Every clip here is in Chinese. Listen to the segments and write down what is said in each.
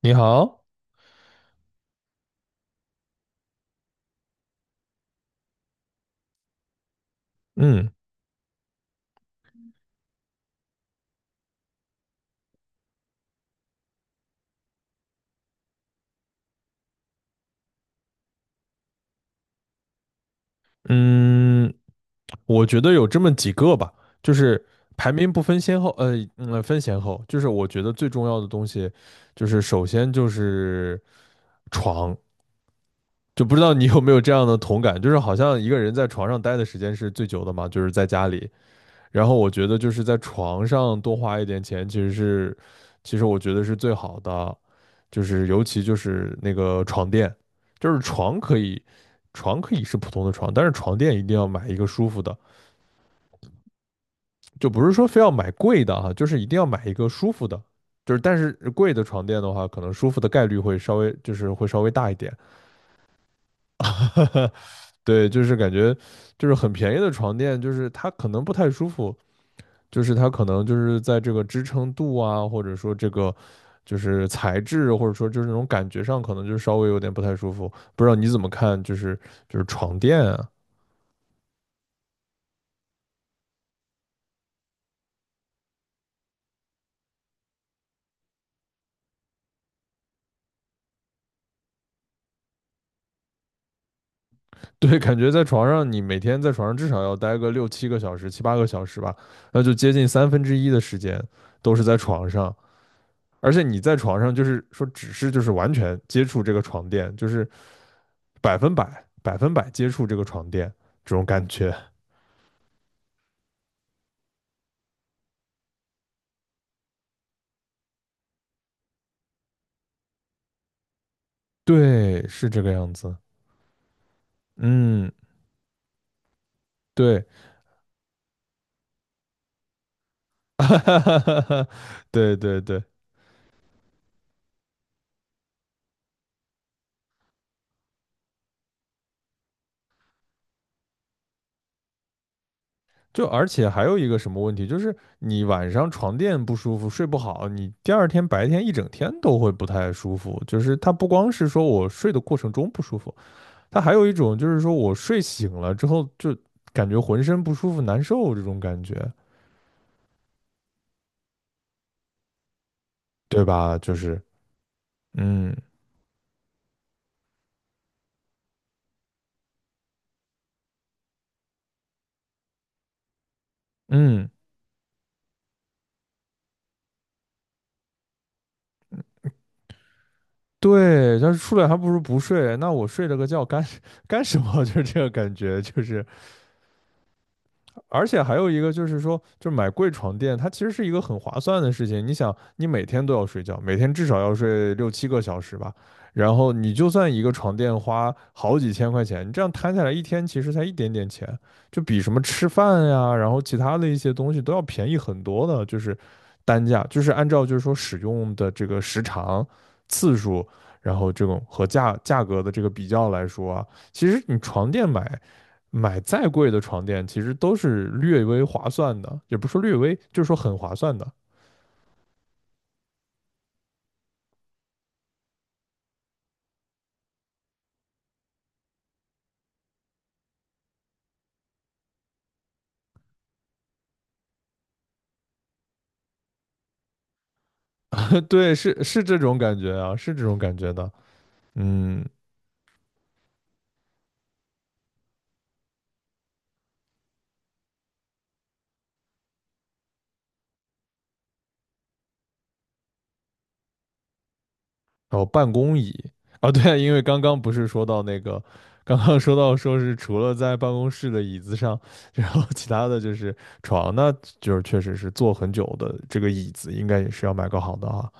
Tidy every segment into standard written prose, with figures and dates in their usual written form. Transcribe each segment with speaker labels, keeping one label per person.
Speaker 1: 你好，嗯嗯，我觉得有这么几个吧，就是排名不分先后，分先后，就是我觉得最重要的东西，就是首先就是床。就不知道你有没有这样的同感，就是好像一个人在床上待的时间是最久的嘛，就是在家里。然后我觉得就是在床上多花一点钱，其实是，其实我觉得是最好的，就是尤其就是那个床垫，就是床可以，床可以是普通的床，但是床垫一定要买一个舒服的，就不是说非要买贵的哈，就是一定要买一个舒服的，就是但是贵的床垫的话，可能舒服的概率会稍微就是会稍微大一点。对，就是感觉就是很便宜的床垫，就是它可能不太舒服，就是它可能就是在这个支撑度啊，或者说这个就是材质，或者说就是那种感觉上，可能就稍微有点不太舒服。不知道你怎么看？就是床垫啊。对，感觉在床上你每天在床上至少要待个六七个小时、七八个小时吧，那就接近1/3的时间都是在床上。而且你在床上就是说，只是就是完全接触这个床垫，就是百分百接触这个床垫这种感觉。对，是这个样子。嗯，对，哈，对对对。就而且还有一个什么问题，就是你晚上床垫不舒服，睡不好，你第二天白天一整天都会不太舒服。就是它不光是说我睡的过程中不舒服，它还有一种就是说我睡醒了之后就感觉浑身不舒服、难受这种感觉，对吧？就是，嗯嗯，对，但是出来还不如不睡，那我睡了个觉干 干什么？就是这个感觉，就是。而且还有一个就是说，就买贵床垫，它其实是一个很划算的事情。你想，你每天都要睡觉，每天至少要睡六七个小时吧，然后你就算一个床垫花好几千块钱，你这样摊下来一天其实才一点点钱，就比什么吃饭呀，然后其他的一些东西都要便宜很多的，就是单价，就是按照就是说使用的这个时长、次数，然后这种和价格的这个比较来说啊，其实你床垫买再贵的床垫，其实都是略微划算的，也不是说略微，就是说很划算的 对，是是这种感觉啊，是这种感觉的。嗯，然后办公椅啊，对，因为刚刚不是说到那个，刚刚说到说是除了在办公室的椅子上，然后其他的就是床，那就是确实是坐很久的这个椅子，应该也是要买个好的啊。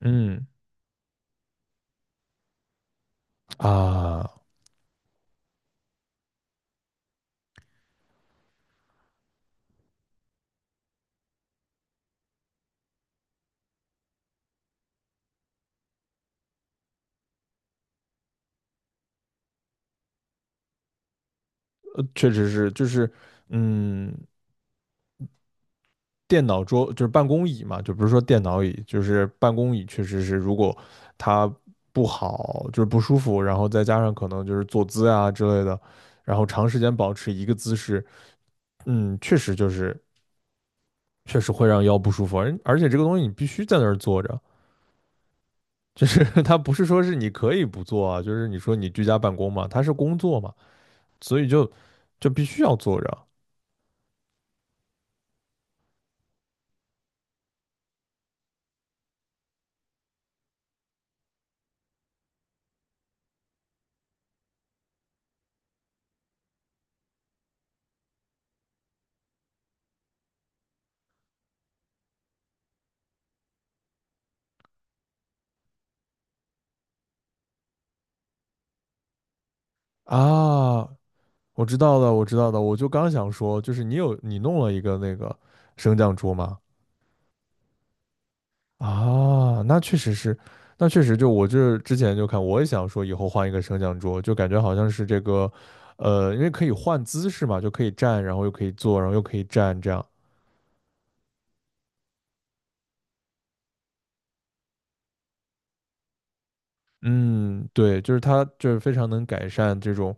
Speaker 1: 嗯啊，确实是，就是嗯，电脑桌就是办公椅嘛，就不是说电脑椅，就是办公椅，确实是如果它不好，就是不舒服，然后再加上可能就是坐姿啊之类的，然后长时间保持一个姿势，嗯，确实就是确实会让腰不舒服，而且这个东西你必须在那儿坐着，就是 它不是说是你可以不做啊，就是你说你居家办公嘛，它是工作嘛，所以就必须要坐着啊。我知道的，我知道的，我就刚想说，就是你弄了一个那个升降桌吗？啊，那确实是，那确实就我这之前就看，我也想说以后换一个升降桌，就感觉好像是这个，因为可以换姿势嘛，就可以站，然后又可以坐，然后又可以站，这样。嗯，对，就是它就是非常能改善这种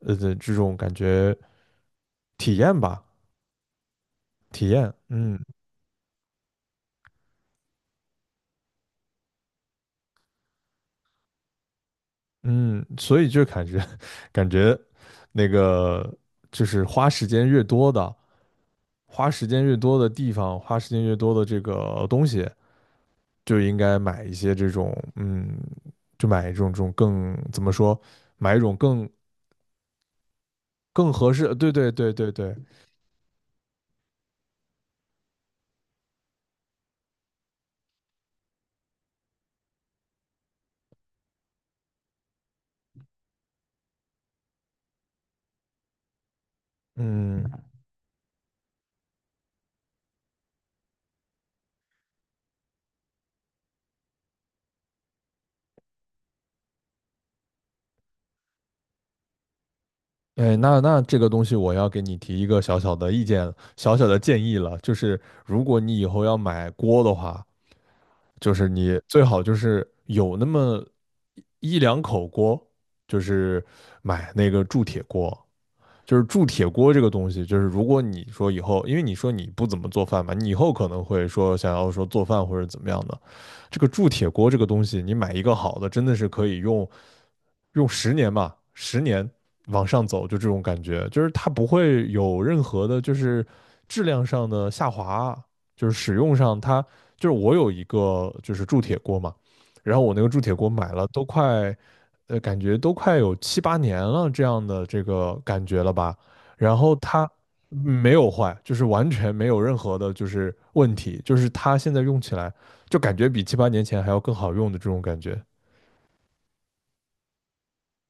Speaker 1: 这种感觉体验吧，体验。嗯嗯，所以就感觉 感觉那个就是花时间越多的，花时间越多的地方，花时间越多的这个东西，就应该买一些这种，嗯，就买一种这种更怎么说，买一种更合适，对对对对对。嗯，哎，那这个东西我要给你提一个小小的意见，小小的建议了，就是如果你以后要买锅的话。就是你最好就是有那么一两口锅，就是买那个铸铁锅。就是铸铁锅这个东西，就是如果你说以后，因为你说你不怎么做饭嘛，你以后可能会说想要说做饭或者怎么样的，这个铸铁锅这个东西，你买一个好的，真的是可以用十年吧，十年往上走，就这种感觉。就是它不会有任何的，就是质量上的下滑，就是使用上它就是我有一个就是铸铁锅嘛，然后我那个铸铁锅买了都快，感觉都快有七八年了这样的这个感觉了吧。然后它没有坏，就是完全没有任何的就是问题，就是它现在用起来就感觉比七八年前还要更好用的这种感觉。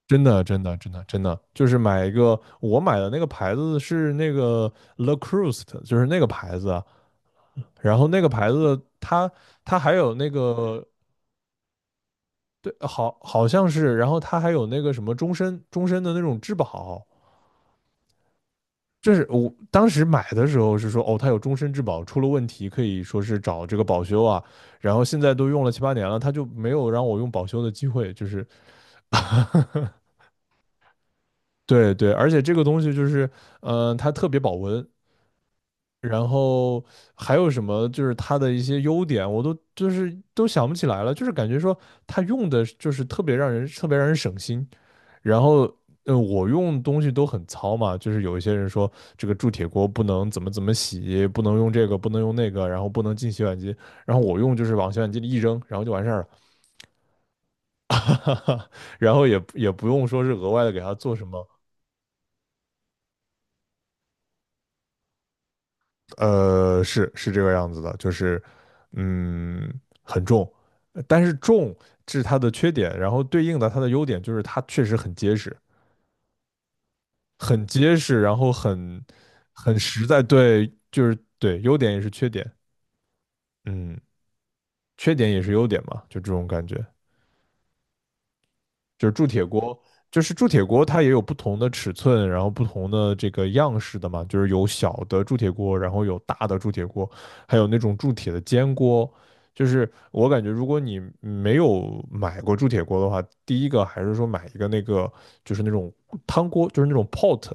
Speaker 1: 真的，真的，真的，真的，就是买一个，我买的那个牌子是那个 Le Creuset 就是那个牌子，然后那个牌子它还有那个对，好好像是，然后它还有那个什么终身的那种质保，这是我当时买的时候是说哦，它有终身质保，出了问题可以说是找这个保修啊，然后现在都用了七八年了，它就没有让我用保修的机会，就是。对对，而且这个东西就是，嗯、它特别保温，然后还有什么就是它的一些优点，我都就是都想不起来了，就是感觉说它用的就是特别让人省心。然后，嗯，我用东西都很糙嘛，就是有一些人说这个铸铁锅不能怎么怎么洗，不能用这个，不能用那个，然后不能进洗碗机。然后我用就是往洗碗机里一扔，然后就完事儿了，哈哈。然后也不用说是额外的给它做什么，是是这个样子的，就是嗯很重，但是重是它的缺点，然后对应的它的优点就是它确实很结实，很结实，然后很实在，对，就是对，优点也是缺点，嗯，缺点也是优点嘛，就这种感觉。就是铸铁锅，就是铸铁锅，它也有不同的尺寸，然后不同的这个样式的嘛，就是有小的铸铁锅，然后有大的铸铁锅，还有那种铸铁的煎锅。就是我感觉，如果你没有买过铸铁锅的话，第一个还是说买一个那个，就是那种汤锅，就是那种 pot，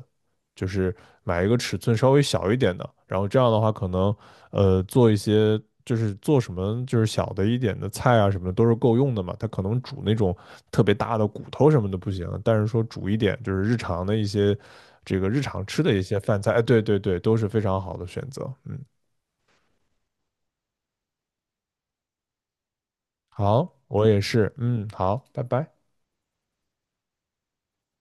Speaker 1: 就是买一个尺寸稍微小一点的，然后这样的话可能做一些就是做什么就是小的一点的菜啊什么的都是够用的嘛。它可能煮那种特别大的骨头什么的不行，但是说煮一点就是日常的一些这个日常吃的一些饭菜，哎，对对对，都是非常好的选择。嗯，好，我也是，嗯，好，拜拜。